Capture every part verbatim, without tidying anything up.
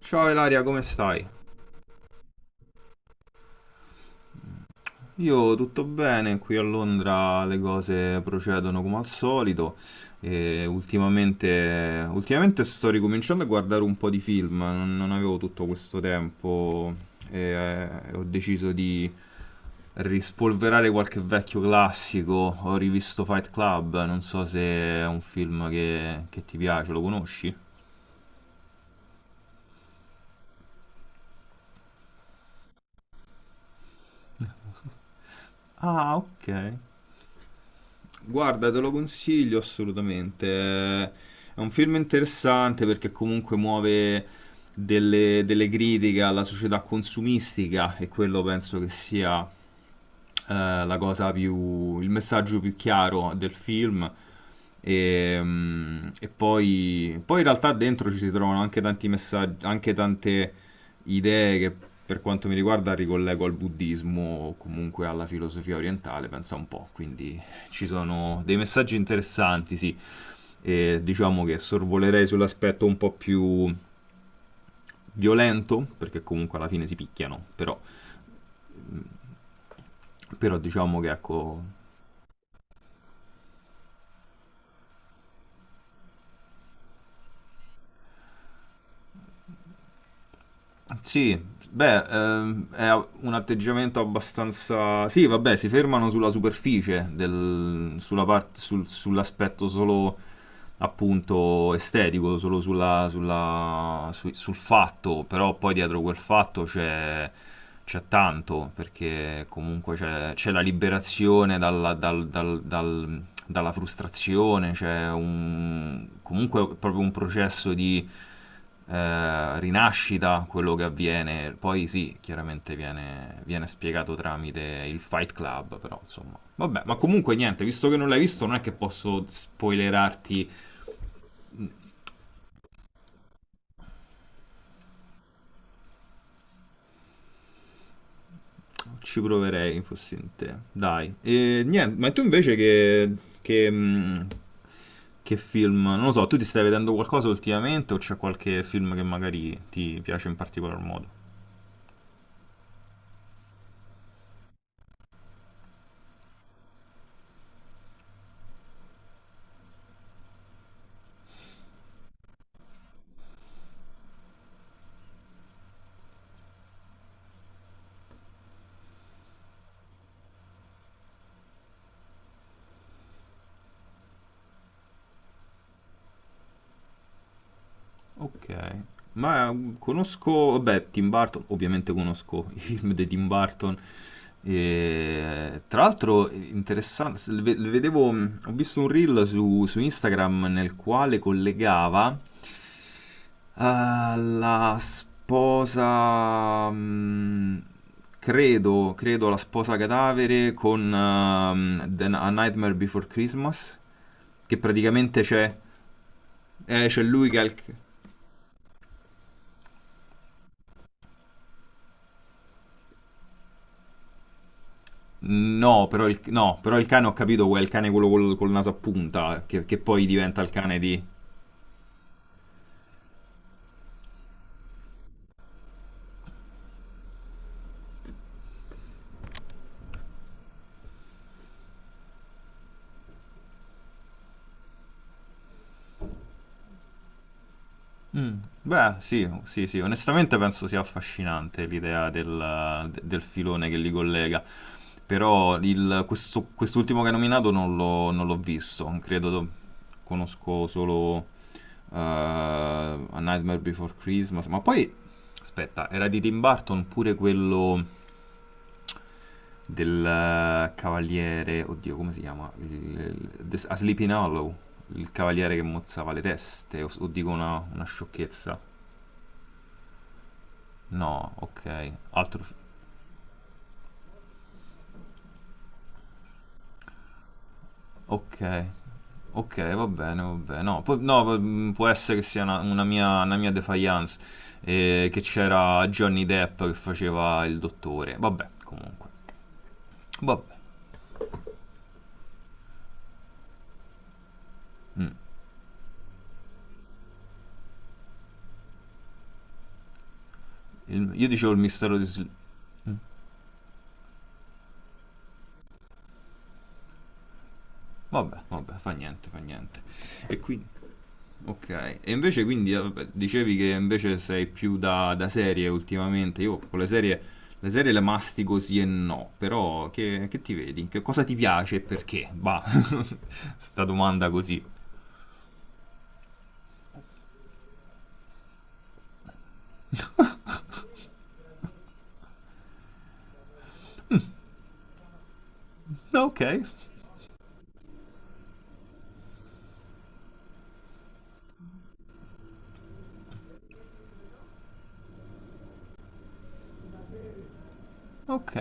Ciao Ilaria, come stai? Io tutto bene, qui a Londra le cose procedono come al solito e ultimamente, ultimamente sto ricominciando a guardare un po' di film, non, non avevo tutto questo tempo e eh, ho deciso di rispolverare qualche vecchio classico. Ho rivisto Fight Club, non so se è un film che, che ti piace, lo conosci? Ah, ok. Guarda, te lo consiglio assolutamente. È è un film interessante perché comunque muove delle, delle critiche alla società consumistica, e quello penso che sia eh, la cosa più, il messaggio più chiaro del film. E, mm, e poi, poi in realtà dentro ci si trovano anche tanti messaggi, anche tante idee che, per quanto mi riguarda, ricollego al buddismo o comunque alla filosofia orientale, pensa un po', quindi ci sono dei messaggi interessanti, sì. E diciamo che sorvolerei sull'aspetto un po' più violento, perché comunque alla fine si picchiano. Però, però diciamo che ecco. Sì, beh, ehm, è un atteggiamento abbastanza... Sì, vabbè, si fermano sulla superficie, del- sulla parte- sul- sull'aspetto solo appunto estetico, solo sulla- sulla- su- sul fatto, però poi dietro quel fatto c'è, c'è tanto, perché comunque c'è, c'è la liberazione dalla, dal- dal- dal- dalla frustrazione. C'è un, comunque proprio un processo di eh, rinascita, quello che avviene. Poi sì, chiaramente viene, viene spiegato tramite il Fight Club, però insomma. Vabbè, ma comunque niente, visto che non l'hai visto non è che posso spoilerarti. Ci proverei, fossi in te. Dai. E niente, ma tu invece che... che mh, che film, non lo so, tu ti stai vedendo qualcosa ultimamente, o c'è qualche film che magari ti piace in particolar modo? Ok. Ma mm, conosco, vabbè, Tim Burton, ovviamente conosco i film di Tim Burton. E, tra l'altro, è interessante, se- ve- vedevo, mm, ho visto un reel su, su Instagram nel quale collegava ah, la sposa, mm, credo, credo la sposa cadavere con ehm, The- A Nightmare Before Christmas, che praticamente c'è, eh, c'è lui che ha il... No però, il, no, però il cane ho capito, è il cane quello col, col naso a punta, che, che poi diventa il cane di... Mm, beh, sì, sì, sì, onestamente penso sia affascinante l'idea del, del filone che li collega, però il- questo- quest'ultimo che hai nominato non l'ho non l'ho visto, credo, conosco solo eh, A Nightmare Before Christmas, ma poi, aspetta, era di Tim Burton pure quello del eh, cavaliere, oddio, come si chiama? Il- il- The- A Sleeping Hollow, il cavaliere che mozzava le teste, o, o dico una, una sciocchezza. No, ok, altro... fi- Ok, ok, va bene, va bene. No, poi- no, poi, mm, può essere che sia una, una mia, una mia defiance, eh, che c'era Johnny Depp che faceva il dottore. Vabbè, comunque. Vabbè. mm. Il- io dicevo il mistero di... Sl- Vabbè, vabbè, fa niente, fa niente. E quindi... Ok, e invece quindi eh, vabbè, dicevi che invece sei più da, da serie ultimamente. Io con le serie, le serie le mastico sì e no, però che, che ti vedi? Che cosa ti piace e perché? Bah, sta domanda così. No, ok, ok.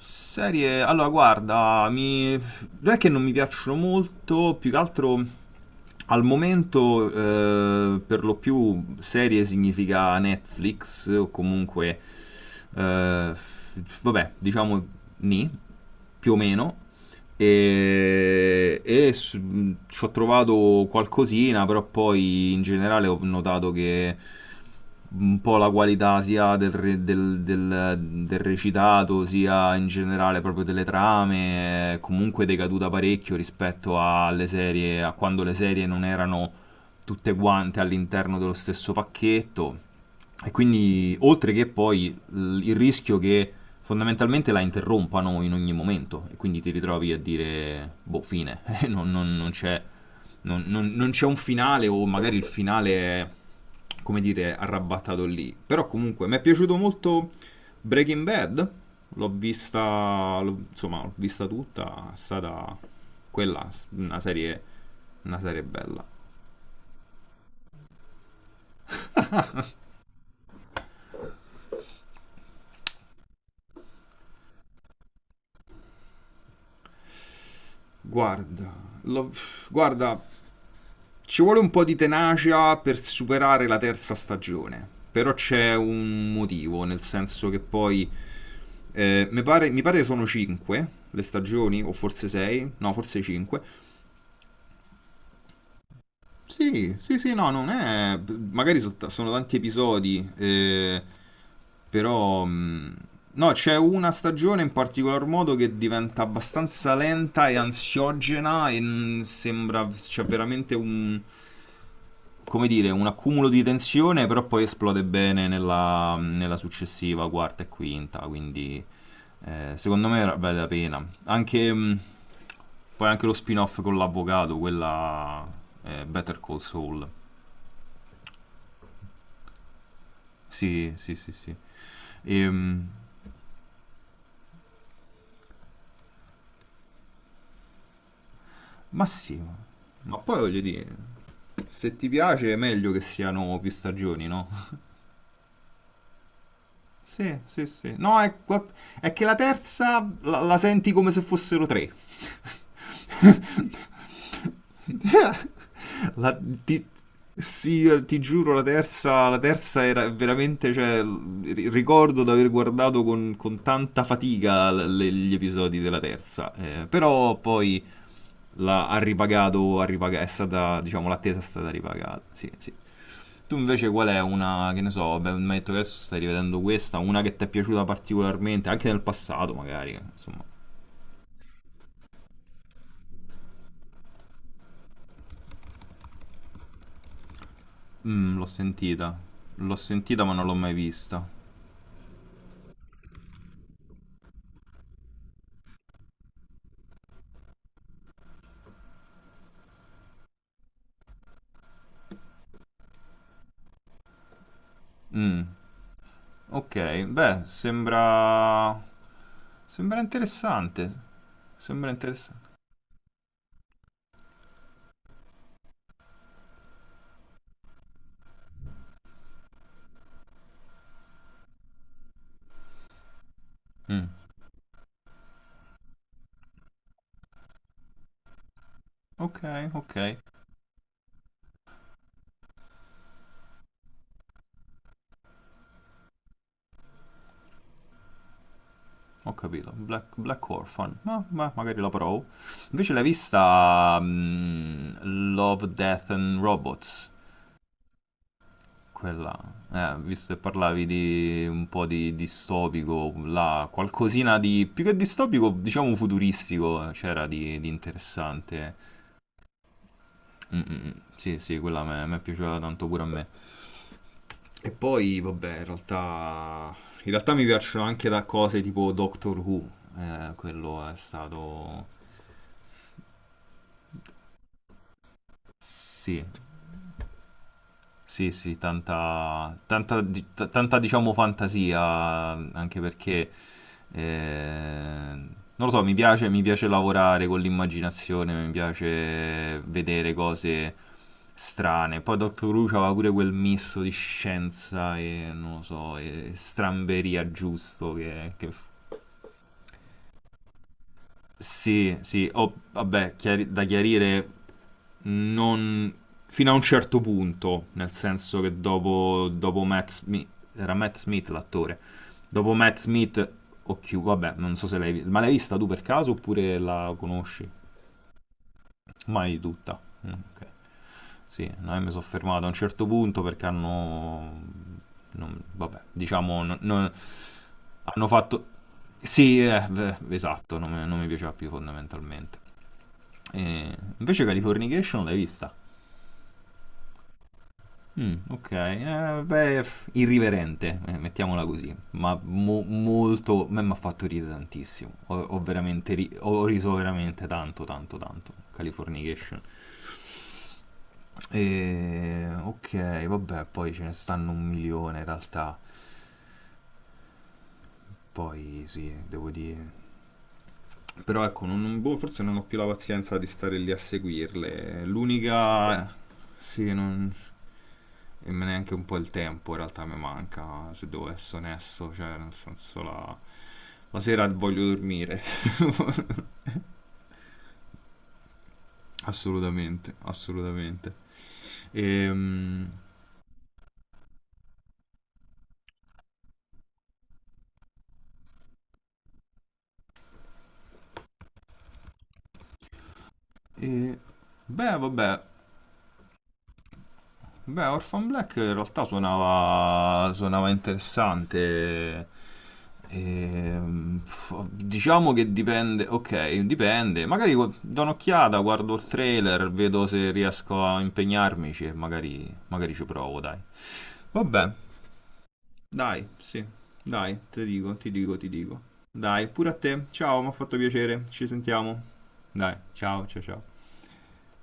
Serie, allora guarda, mi... non è che non mi piacciono molto, più che altro al momento eh, per lo più serie significa Netflix o comunque, eh, vabbè, diciamo ni, più o meno, e, e s- mh, ci ho trovato qualcosina, però poi in generale ho notato che un po' la qualità sia del, re- del- del- del recitato, sia in generale proprio delle trame, è comunque decaduta parecchio rispetto alle serie, a quando le serie non erano tutte quante all'interno dello stesso pacchetto. E quindi, oltre che poi l- il rischio che fondamentalmente la interrompano in ogni momento, e quindi ti ritrovi a dire boh, fine, non, non- non c'è non, non- non c'è un finale, o magari il finale è, come dire, arrabbattato lì. Però comunque mi è piaciuto molto Breaking Bad, l'ho vista, l'ho- insomma, l'ho vista tutta, è stata quella, una serie, una serie bella. Guarda, l'ho- guarda, ci vuole un po' di tenacia per superare la terza stagione, però c'è un motivo, nel senso che poi eh, mi pare, mi pare sono cinque le stagioni, o forse sei, no, forse cinque. Sì, sì, sì, no, non è... magari so- sono tanti episodi, eh, però... mh, no, c'è una stagione in particolar modo che diventa abbastanza lenta e ansiogena, e mh, sembra... c'è veramente un, come dire, un accumulo di tensione, però poi esplode bene nella, nella successiva quarta e quinta, quindi eh, secondo me vale la pena. Anche, mh, poi anche lo spin-off con l'avvocato, quella eh, Better Call Saul. Sì, sì, sì, sì. Ehm, ma sì, ma- ma poi voglio dire, se ti piace è meglio che siano più stagioni, no? Sì, sì, sì. No, è, è che la terza la, la senti come se fossero tre. La, ti, sì, ti giuro, la terza, la terza era veramente, cioè, ri- ricordo di aver guardato con, con tanta fatica l- le- gli episodi della terza, eh, però poi la, ha ripagato, ha ripaga- è stata, diciamo, l'attesa è stata ripagata, sì, sì. Tu invece qual è una, che ne so, beh, mi hai detto che adesso stai rivedendo questa, una che ti è piaciuta particolarmente, anche nel passato magari, insomma. Mm, l'ho sentita, l'ho sentita ma non l'ho mai vista. Mm. Ok, beh, sembra... sembra interessante. Sembra interessante. Mm. Ok, ok, ho capito. Black, Black Orphan, ma, ma magari la provo. Invece l'hai vista, mm, Love, Death and Robots? Quella, eh, visto che parlavi di un po' di distopico, là, qualcosina di più che distopico, diciamo futuristico, c'era di, di interessante. Mm, mm, mm. Sì, sì, quella mi è piaciuta tanto pure a me. E poi, vabbè, in realtà, in realtà mi piacciono anche da cose tipo Doctor Who, eh, quello è stato... Sì, sì, sì, tanta, tanta, di- t- tanta, diciamo, fantasia, anche perché, eh, non lo so, mi piace, mi piace lavorare con l'immaginazione, mi piace vedere cose strane. Poi Doctor Who aveva pure quel misto di scienza e, non lo so, e stramberia giusto che, che sì, sì, oh, vabbè, chiari- da chiarire non... fino a un certo punto, nel senso che dopo, dopo Matt Smith, era Matt Smith l'attore, dopo Matt Smith, o Q, vabbè, non so se l'hai vista, ma l'hai vista tu per caso oppure la conosci? Mai tutta. Mm, ok. Sì, no, mi sono fermato a un certo punto perché hanno... non- vabbè, diciamo, non- non- hanno fatto... Sì, eh, beh, esatto, non, mi- non mi piaceva più fondamentalmente. E invece Californication l'hai vista? Mm, ok, eh, beh, f- irriverente, eh, mettiamola così, ma mo- molto, a me mi ha fatto ridere tantissimo, ho, ho veramente ri- ho riso veramente tanto, tanto, tanto, Californication. E, ok, vabbè, poi ce ne stanno un milione in realtà, poi sì, devo dire... Però ecco, non- non- boh, forse non ho più la pazienza di stare lì a seguirle. L'unica... Sì, non... e me neanche un po' il tempo in realtà mi manca, se devo essere onesto, cioè nel senso la, la sera voglio dormire, assolutamente, assolutamente. Ehm, E, beh, vabbè, beh, Orphan Black in realtà suonava, suonava interessante. Ehm, f- diciamo che dipende, ok, dipende. Magari gu- do un'occhiata, guardo il trailer, vedo se riesco a impegnarmici e magari, magari ci provo, dai. Vabbè, dai, sì. Dai, ti dico, ti dico, ti dico. Dai, pure a te. Ciao, mi ha fatto piacere. Ci sentiamo. Dai, ciao, ciao, ciao.